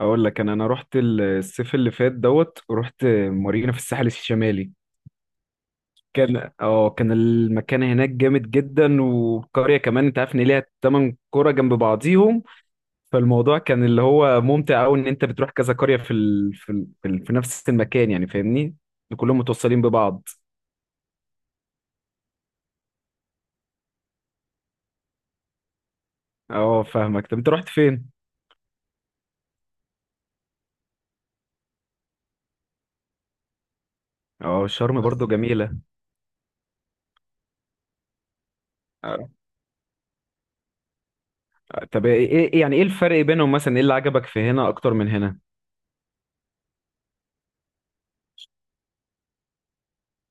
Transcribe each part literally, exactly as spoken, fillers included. اقول لك، انا انا رحت ال- الصيف اللي فات. دوت رحت مارينا في الساحل الشمالي. كان اه كان المكان هناك جامد جدا، والقريه كمان انت عارف ان ليها تمانية قرى جنب بعضيهم. فالموضوع كان اللي هو ممتع قوي ان انت بتروح كذا قريه في ال... في ال... في, ال... في نفس المكان، يعني فاهمني. كلهم متوصلين ببعض. اه، فاهمك. طب انت رحت فين؟ اه شرم برضو بس جميله. آه، طب ايه، إيه- إيه، يعني ايه الفرق بينهم مثلا، ايه اللي عجبك في هنا اكتر من هنا؟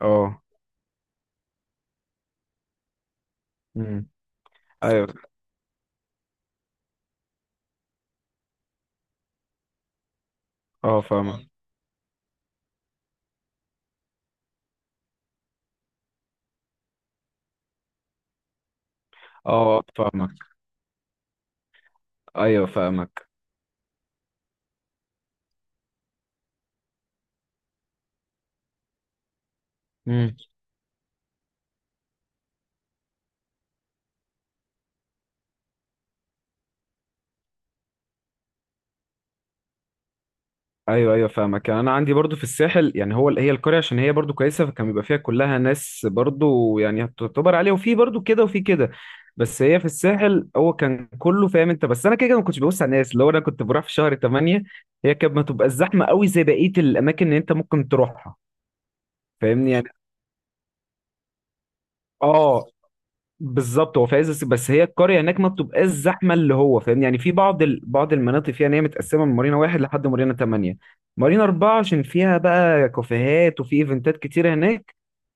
اه. امم. ايوه. اه، فاهمك. اه، فاهمك. ايوه، فاهمك. امم. ايوه ايوه، فاهمك. يعني انا عندي برضو في الساحل، يعني هو هي القريه عشان هي برضو كويسه، فكان بيبقى فيها كلها ناس، برضو يعني تعتبر عليها، وفي برضو كده وفي كده. بس هي في الساحل، هو كان كله فاهم انت، بس انا كده كده ما كنتش ببص على الناس، اللي هو انا كنت بروح في شهر تمانية. هي كانت ما تبقى الزحمه قوي زي بقيه الاماكن اللي انت ممكن تروحها. فاهمني يعني. اه، بالظبط. هو في عز الصيف، بس هي القريه هناك ما بتبقاش زحمه، اللي هو فاهم يعني في بعض ال... بعض المناطق فيها، ان هي متقسمه من مارينا واحد لحد مارينا تمانية. مارينا اربعه عشان فيها بقى كافيهات وفي ايفنتات كتيره هناك،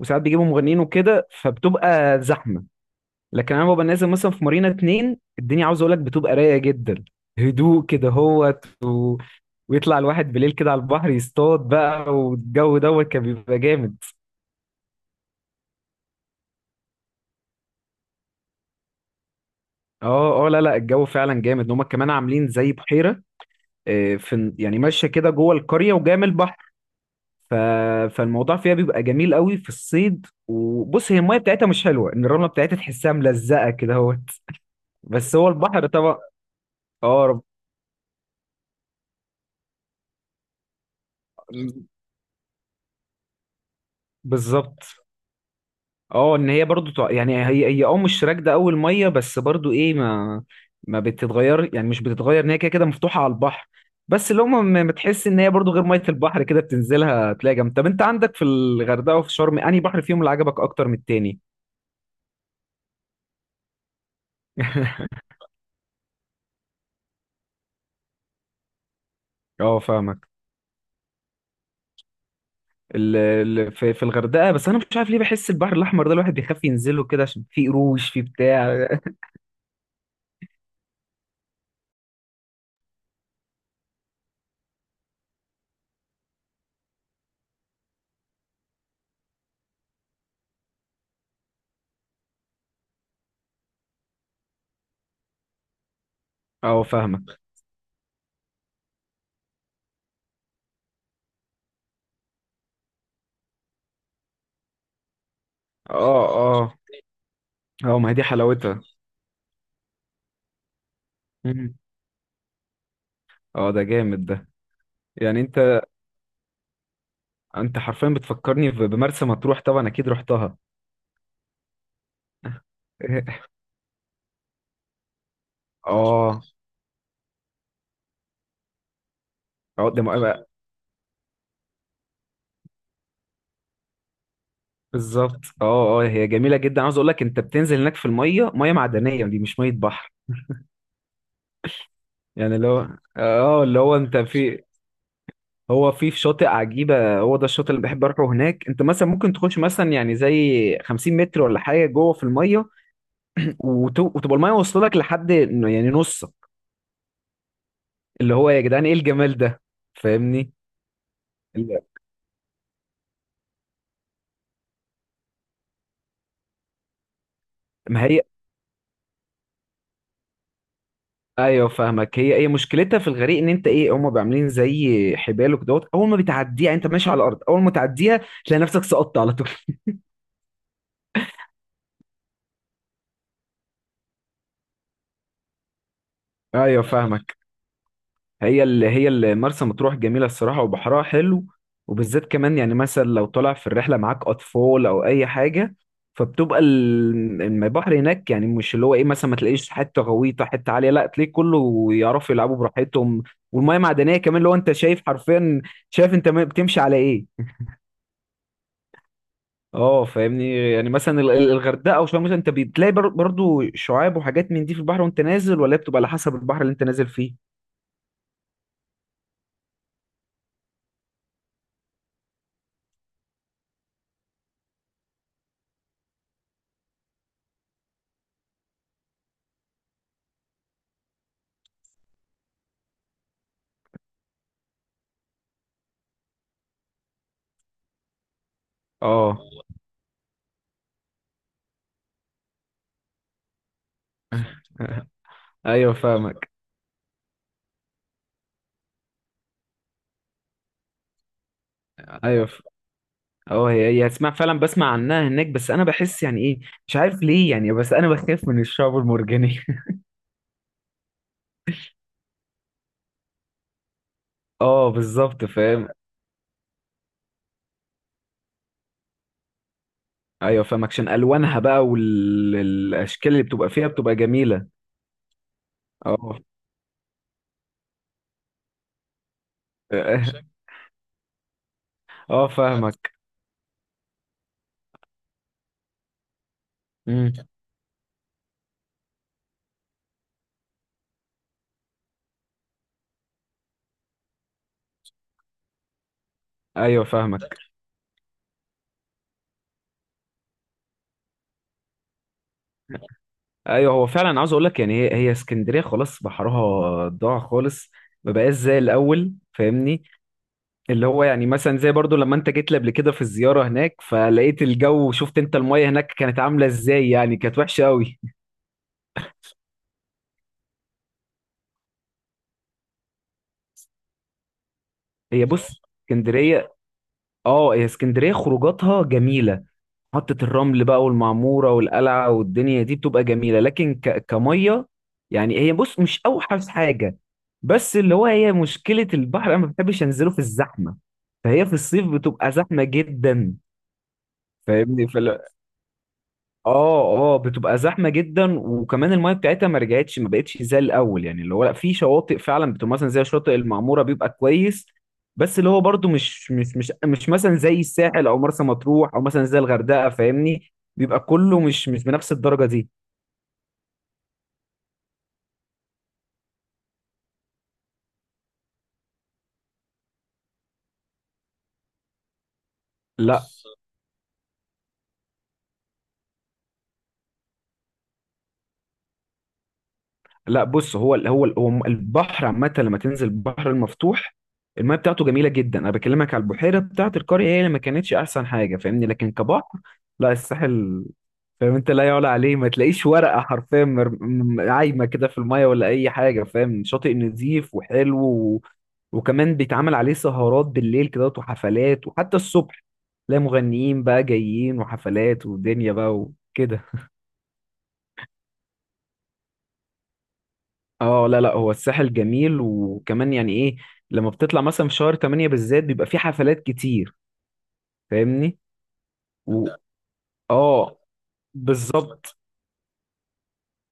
وساعات بيجيبوا مغنيين وكده، فبتبقى زحمه. لكن انا ببقى نازل مثلا في مارينا اتنين، الدنيا عاوز اقول لك بتبقى رايقه جدا، هدوء كده، هوت و... ويطلع الواحد بالليل كده على البحر، يصطاد بقى، والجو دوت كان بيبقى جامد. اه اه، لا لا الجو فعلا جامد، ان هم كمان عاملين زي بحيره. آه، في يعني ماشيه كده جوه القريه وجايه من البحر. ف... فالموضوع فيها بيبقى جميل قوي في الصيد. وبص هي الميه بتاعتها مش حلوه، ان الرمله بتاعتها تحسها ملزقه كده اهوت، بس هو البحر طبعا. اه، رب... بالظبط. اه ان هي برضو تع- يعني هي هي اه مش راكده قوي الميه، بس برضو ايه، ما ما بتتغير، يعني مش بتتغير ان هي كده كده مفتوحه على البحر. بس لو ما ما بتحس ان هي برضو غير ميه البحر كده، بتنزلها تلاقي جنب. طب انت عندك في الغردقه وفي شرم، انهي بحر فيهم اللي عجبك اكتر من التاني؟ اه، فاهمك. ال... ال... في... في الغردقه، بس انا مش عارف ليه، بحس البحر الاحمر ده الواحد بيخاف ينزله كده عشان فيه قروش، فيه بتاع. اه، فاهمك. اه اه. اه، ما هي دي حلاوتها. مم. اه، ده جامد ده. يعني انت انت حرفيا بتفكرني ب- بمرسى مطروح. طبعا اكيد رحتها. اه. اه، ده م- بالظبط. اه اه، هي جميله جدا. عاوز اقول لك انت بتنزل هناك، في الميه، ميه معدنيه دي، مش ميه بحر. يعني اللي هو اه، اللي هو انت في، هو في في شاطئ عجيبة، هو ده الشاطئ اللي بحب أروحه هناك. أنت مثلا ممكن تخش مثلا، يعني زي خمسين متر ولا حاجة جوه في المية، وت- وتبقى المية واصلة لك لحد إنه يعني نصك، اللي هو يا جدعان إيه الجمال ده، فاهمني. ال- ما هي أيوه، فاهمك. هي، هي مشكلتها في الغريق إن أنت إيه، هما بيبقوا عاملين زي حبال وكدهوت، أول ما بتعديها يعني أنت ماشي على الأرض، أول ما تعديها تلاقي نفسك سقطت على طول. أيوه، فاهمك. هي اللي هي اللي مرسى مطروح جميلة الصراحة، وبحرها حلو. وبالذات كمان يعني مثلا لو طالع في الرحلة معاك أطفال أو أي حاجة، فبتبقى ال- البحر هناك، يعني مش اللي هو إيه مثلا ما تلاقيش حتة غويطة، حتة عالية. لا تلاقيه كله يعرفوا يلعبوا براحتهم. والمية معدنية كمان، اللي هو أنت شايف حرفيا، شايف أنت ما- بتمشي على إيه. اه فاهمني. يعني مثلا ال- ال- الغردقة أو شرم مثلا، أنت بتلاقي بر- برضو شعاب وحاجات من دي في البحر وأنت نازل. ولا هي بتبقى على حسب البحر اللي أنت نازل فيه. اه. ايوه، فاهمك. ايوه، ف- اه هي، هي اسمع، فعلا بسمع عنها هناك، بس انا بحس يعني ايه، مش عارف ليه يعني، بس انا بخاف من الشعب المرجاني. اه بالظبط، فاهم. ايوه فاهمك، عشان الوانها بقى والاشكال اللي بتبقى فيها بتبقى جميله. اه. اه. آه، فاهمك. امم. ايوه، فاهمك. ايوه، هو فعلا عاوز اقول لك، يعني هي هي اسكندريه خلاص بحرها ضاع خالص، ما بقاش زي الاول، فاهمني. اللي هو يعني مثلا زي برضو لما انت جيت لي قبل كده في الزيارة هناك، فلقيت الجو وشفت انت المية هناك كانت عاملة ازاي، يعني كانت وحشة قوي. هي بص اسكندرية، اه هي اسكندرية خروجاتها جميلة. محطة الرمل بقى والمعمورة والقلعة والدنيا دي بتبقى جميلة. لكن ك... كمية، يعني هي بص مش اوحش حاجة. بس اللي هو هي مشكلة البحر، انا ما بحبش انزله في الزحمة، فهي في الصيف بتبقى زحمة جدا. فاهمني. اه اه، بتبقى زحمه جدا، وكمان المايه بتاعتها ما رجعتش، ما بقتش زي الاول، يعني اللي هو لا في شواطئ فعلا بتبقى مثلا زي شاطئ المعموره بيبقى كويس. بس اللي هو برضو مش مش مش مش مثلا زي الساحل او مرسى مطروح او مثلا زي الغردقه، فاهمني، بيبقى كله مش مش بنفس الدرجه دي. لا لا بص هو ال- هو ال- هو البحر عامة، لما تنزل البحر المفتوح الميه بتاعته جميلة جدا. انا بكلمك على البحيرة بتاعة القرية، هي اللي ما كانتش احسن حاجة، فاهمني، لكن كبحر لا، الساحل فاهم انت لا يعلى عليه، ما تلاقيش ورقة حرفيا مر- م- عايمة كده في الميه ولا اي حاجة، فاهم. شاطئ نظيف وحلو و... وكمان بيتعمل عليه سهرات بالليل كده، وحفلات، وحتى الصبح تلاقي مغنيين بقى جايين وحفلات ودنيا بقى وكده. اه لا لا، هو الساحل جميل، وكمان يعني ايه، لما بتطلع مثلا في شهر تمانية بالذات بيبقى في حفلات كتير، فاهمني و... اه بالظبط.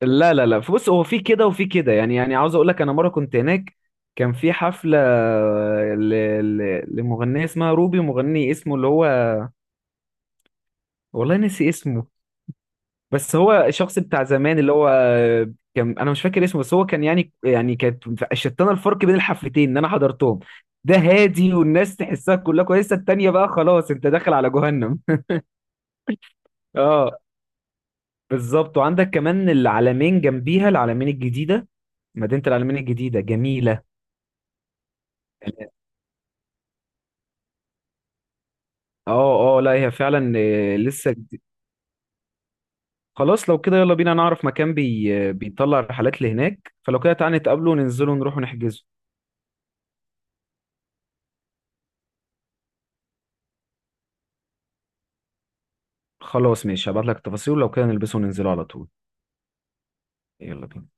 لا لا لا، بص هو في كده وفي كده، يعني يعني عاوز اقول لك انا مره كنت هناك، كان في حفله ل... ل... لمغنيه اسمها روبي، ومغني اسمه اللي هو، والله نسي اسمه، بس هو الشخص بتاع زمان، اللي هو كان، انا مش فاكر اسمه، بس هو كان يعني، يعني كانت شتانه الفرق بين الحفلتين ان انا حضرتهم. ده هادي والناس تحسها كلها كويسه، التانيه بقى خلاص انت داخل على جهنم. اه، بالظبط. وعندك كمان العلمين جنبيها، العلمين الجديده، مدينه العلمين الجديده جميله. اه اه لا هي فعلا، آه، لسه جديد. خلاص لو كده يلا بينا نعرف مكان بي... آه، بيطلع رحلات لهناك، فلو كده تعالى نتقابلوا وننزلوا نروحوا نحجزوا. خلاص ماشي، هبعت لك التفاصيل، ولو كده نلبسه وننزلوا على طول. يلا بينا.